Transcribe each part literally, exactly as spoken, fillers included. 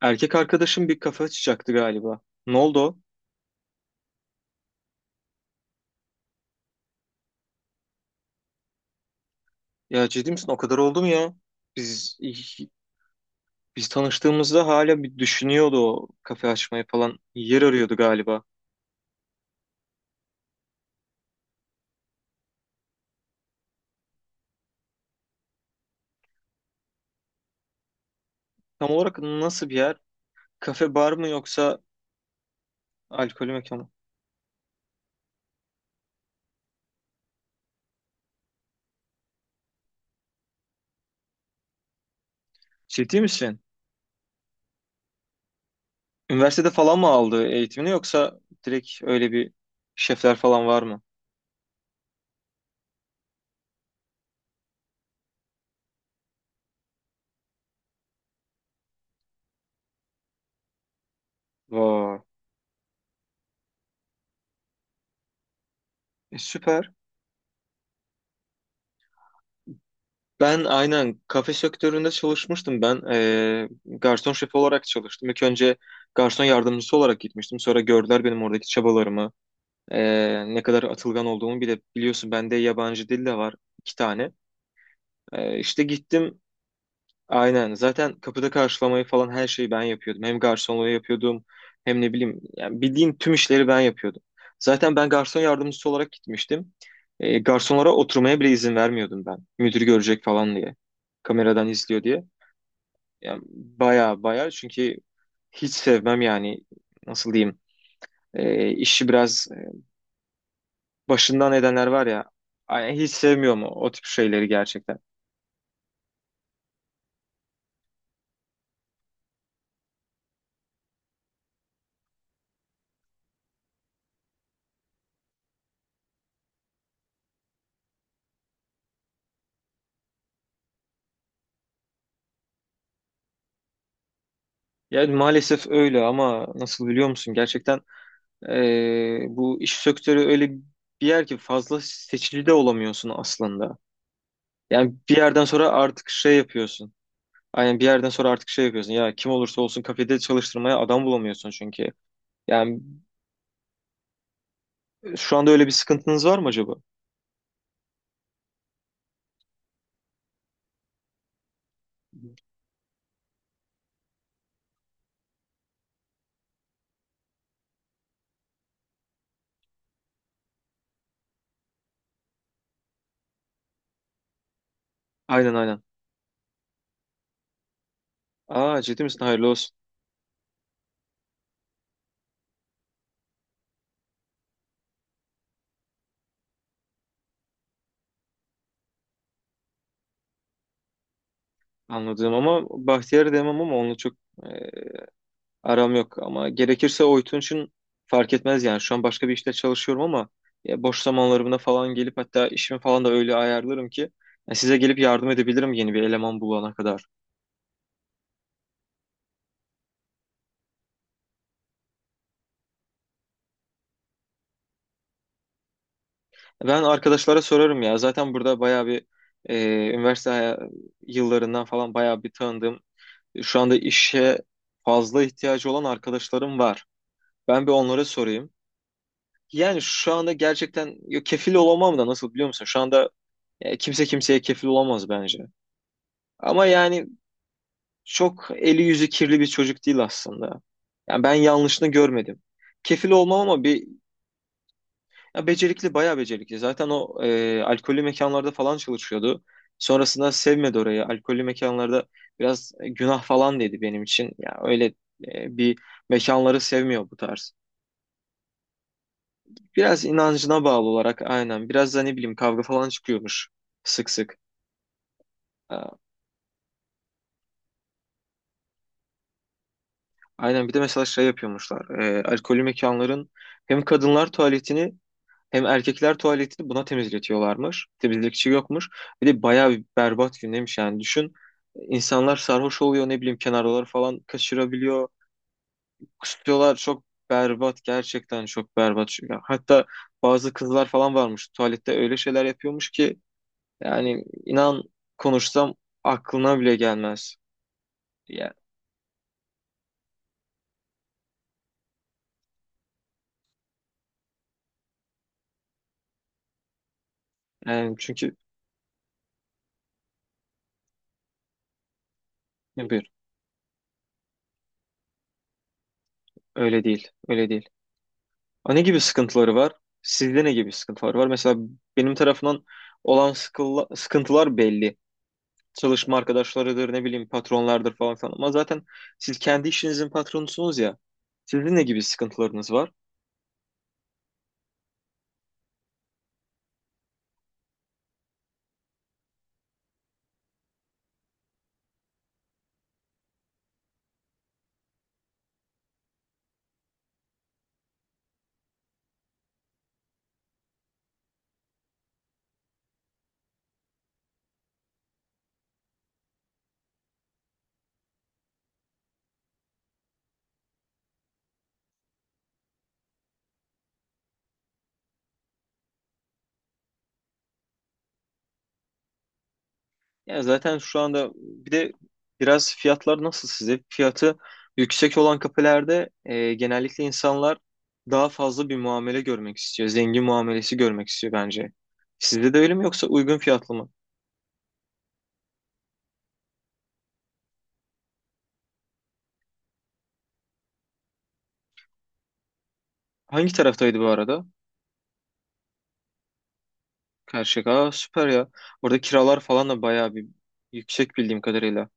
Erkek arkadaşım bir kafe açacaktı galiba. Ne oldu o? Ya, ciddi misin? O kadar oldu mu ya? Biz biz tanıştığımızda hala bir düşünüyordu o kafe açmayı falan. Yer arıyordu galiba. Tam olarak nasıl bir yer? Kafe bar mı, yoksa alkolü mekan mı? Ciddi misin? Üniversitede falan mı aldı eğitimini, yoksa direkt öyle bir şefler falan var mı? Vay. E, süper. Ben aynen kafe sektöründe çalışmıştım. Ben eee, garson şefi olarak çalıştım. İlk önce garson yardımcısı olarak gitmiştim. Sonra gördüler benim oradaki çabalarımı. Eee, ne kadar atılgan olduğumu bile biliyorsun. Bende yabancı dil de var, iki tane. İşte işte gittim. Aynen. Zaten kapıda karşılamayı falan her şeyi ben yapıyordum. Hem garsonluğu yapıyordum, hem ne bileyim yani bildiğin tüm işleri ben yapıyordum. Zaten ben garson yardımcısı olarak gitmiştim. E, garsonlara oturmaya bile izin vermiyordum ben. Müdür görecek falan diye. Kameradan izliyor diye. Yani baya baya, çünkü hiç sevmem yani, nasıl diyeyim, e, işi biraz başından edenler var ya, ay, hiç sevmiyorum o, o tip şeyleri gerçekten. Yani maalesef öyle, ama nasıl biliyor musun gerçekten. Ee, bu iş sektörü öyle bir yer ki fazla seçici de olamıyorsun aslında. Yani bir yerden sonra artık şey yapıyorsun. Aynen, bir yerden sonra artık şey yapıyorsun. Ya kim olursa olsun kafede çalıştırmaya adam bulamıyorsun çünkü. Yani şu anda öyle bir sıkıntınız var mı acaba? Aynen, aynen. Aa, ciddi misin? Hayırlı olsun. Anladım, ama Bahtiyar'ı demem, ama onu çok aram yok, ama gerekirse Oytun için fark etmez yani. Şu an başka bir işte çalışıyorum, ama ya boş zamanlarımda falan gelip, hatta işimi falan da öyle ayarlarım ki ya size gelip yardım edebilirim yeni bir eleman bulana kadar. Ben arkadaşlara sorarım ya. Zaten burada bayağı bir, e, üniversite haya- yıllarından falan bayağı bir tanıdığım, şu anda işe fazla ihtiyacı olan arkadaşlarım var. Ben bir onlara sorayım. Yani şu anda gerçekten ya kefil olamam da, nasıl biliyor musun? Şu anda e, kimse kimseye kefil olamaz bence. Ama yani çok eli yüzü kirli bir çocuk değil aslında. Yani ben yanlışını görmedim. Kefil olmam, ama bir, ya becerikli, bayağı becerikli. Zaten o e, alkollü mekanlarda falan çalışıyordu. Sonrasında sevmedi orayı. Alkollü mekanlarda biraz e, günah falan dedi benim için. Ya öyle e, bir mekanları sevmiyor bu tarz. Biraz inancına bağlı olarak, aynen. Biraz da ne bileyim kavga falan çıkıyormuş sık sık. Ha, aynen, bir de mesela şey yapıyormuşlar. E, alkollü mekanların hem kadınlar tuvaletini, hem erkekler tuvaletini buna temizletiyorlarmış. Temizlikçi yokmuş. Bir de bayağı bir berbat gündemiş yani. Düşün, insanlar sarhoş oluyor, ne bileyim kenarları falan kaçırabiliyor. Kusuyorlar, çok berbat, gerçekten çok berbat. Ya, hatta bazı kızlar falan varmış tuvalette, öyle şeyler yapıyormuş ki yani inan, konuşsam aklına bile gelmez. Ya, yani çünkü buyur, öyle değil, öyle değil. Aa, ne gibi sıkıntıları var? Sizde ne gibi sıkıntılar var? Mesela benim tarafından olan sıkılla- sıkıntılar belli. Çalışma arkadaşlarıdır, ne bileyim patronlardır falan falan. Ama zaten siz kendi işinizin patronusunuz ya. Sizin ne gibi sıkıntılarınız var? Ya zaten şu anda bir de, biraz fiyatlar nasıl size? Fiyatı yüksek olan kafelerde e, genellikle insanlar daha fazla bir muamele görmek istiyor. Zengin muamelesi görmek istiyor bence. Sizde de öyle mi, yoksa uygun fiyatlı mı? Hangi taraftaydı bu arada? Karşıyaka. Aa, süper ya. Orada kiralar falan da bayağı bir yüksek bildiğim kadarıyla.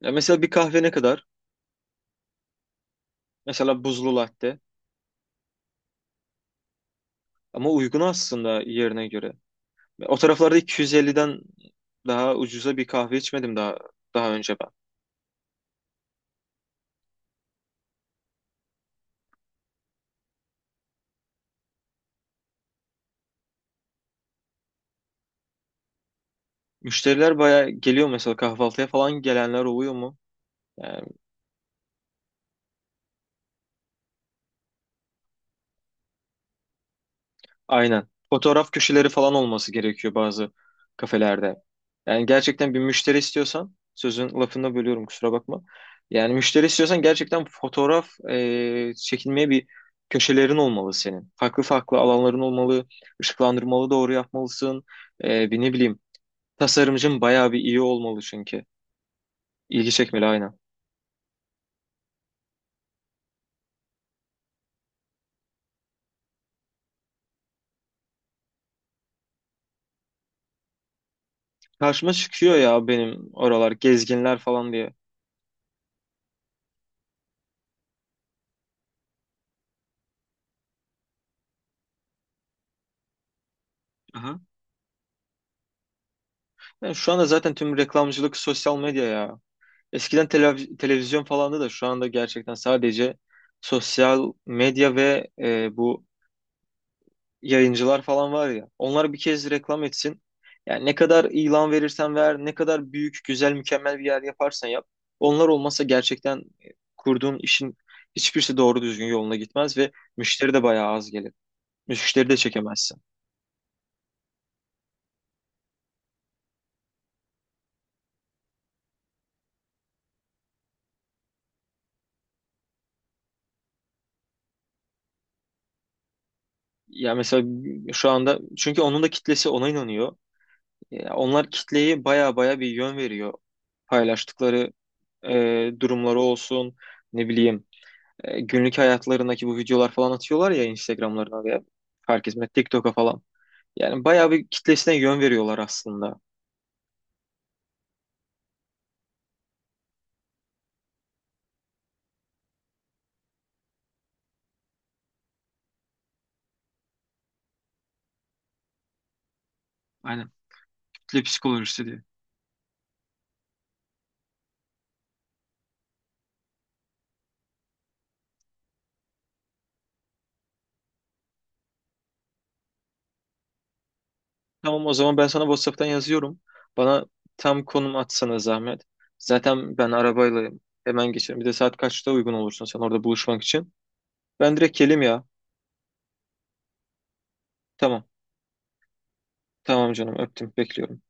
Ya mesela bir kahve ne kadar? Mesela buzlu latte. Ama uygun aslında yerine göre. O taraflarda iki yüz elliden daha ucuza bir kahve içmedim daha daha önce ben. Müşteriler bayağı geliyor, mesela kahvaltıya falan gelenler oluyor mu? Aynen. Fotoğraf köşeleri falan olması gerekiyor bazı kafelerde. Yani gerçekten bir müşteri istiyorsan, sözün lafını bölüyorum kusura bakma. Yani müşteri istiyorsan gerçekten fotoğraf e, çekilmeye bir köşelerin olmalı senin. Farklı farklı alanların olmalı, ışıklandırmalı doğru yapmalısın. E, bir, ne bileyim, tasarımcın bayağı bir iyi olmalı çünkü. İlgi çekmeli, aynen. Karşıma çıkıyor ya benim, oralar gezginler falan diye. Aha. Yani şu anda zaten tüm reklamcılık sosyal medya ya. Eskiden telev- televizyon falandı, da şu anda gerçekten sadece sosyal medya ve e, bu yayıncılar falan var ya. Onlar bir kez reklam etsin. Yani ne kadar ilan verirsen ver, ne kadar büyük, güzel, mükemmel bir yer yaparsan yap. Onlar olmasa gerçekten e, kurduğun işin hiçbirisi doğru düzgün yoluna gitmez ve müşteri de bayağı az gelir. Müşteri de çekemezsin. Ya mesela şu anda, çünkü onun da kitlesi ona inanıyor. Ya onlar kitleyi baya baya bir yön veriyor. Paylaştıkları e, durumları olsun, ne bileyim e, günlük hayatlarındaki bu videolar falan atıyorlar ya Instagram'larına, veya fark etmez TikTok'a falan. Yani baya bir kitlesine yön veriyorlar aslında. Aynen, kitle psikolojisi diye. Tamam, o zaman ben sana WhatsApp'tan yazıyorum. Bana tam konum atsana zahmet. Zaten ben arabayla hemen geçerim. Bir de saat kaçta uygun olursun sen orada buluşmak için? Ben direkt gelim ya. Tamam. Tamam canım, öptüm. Bekliyorum.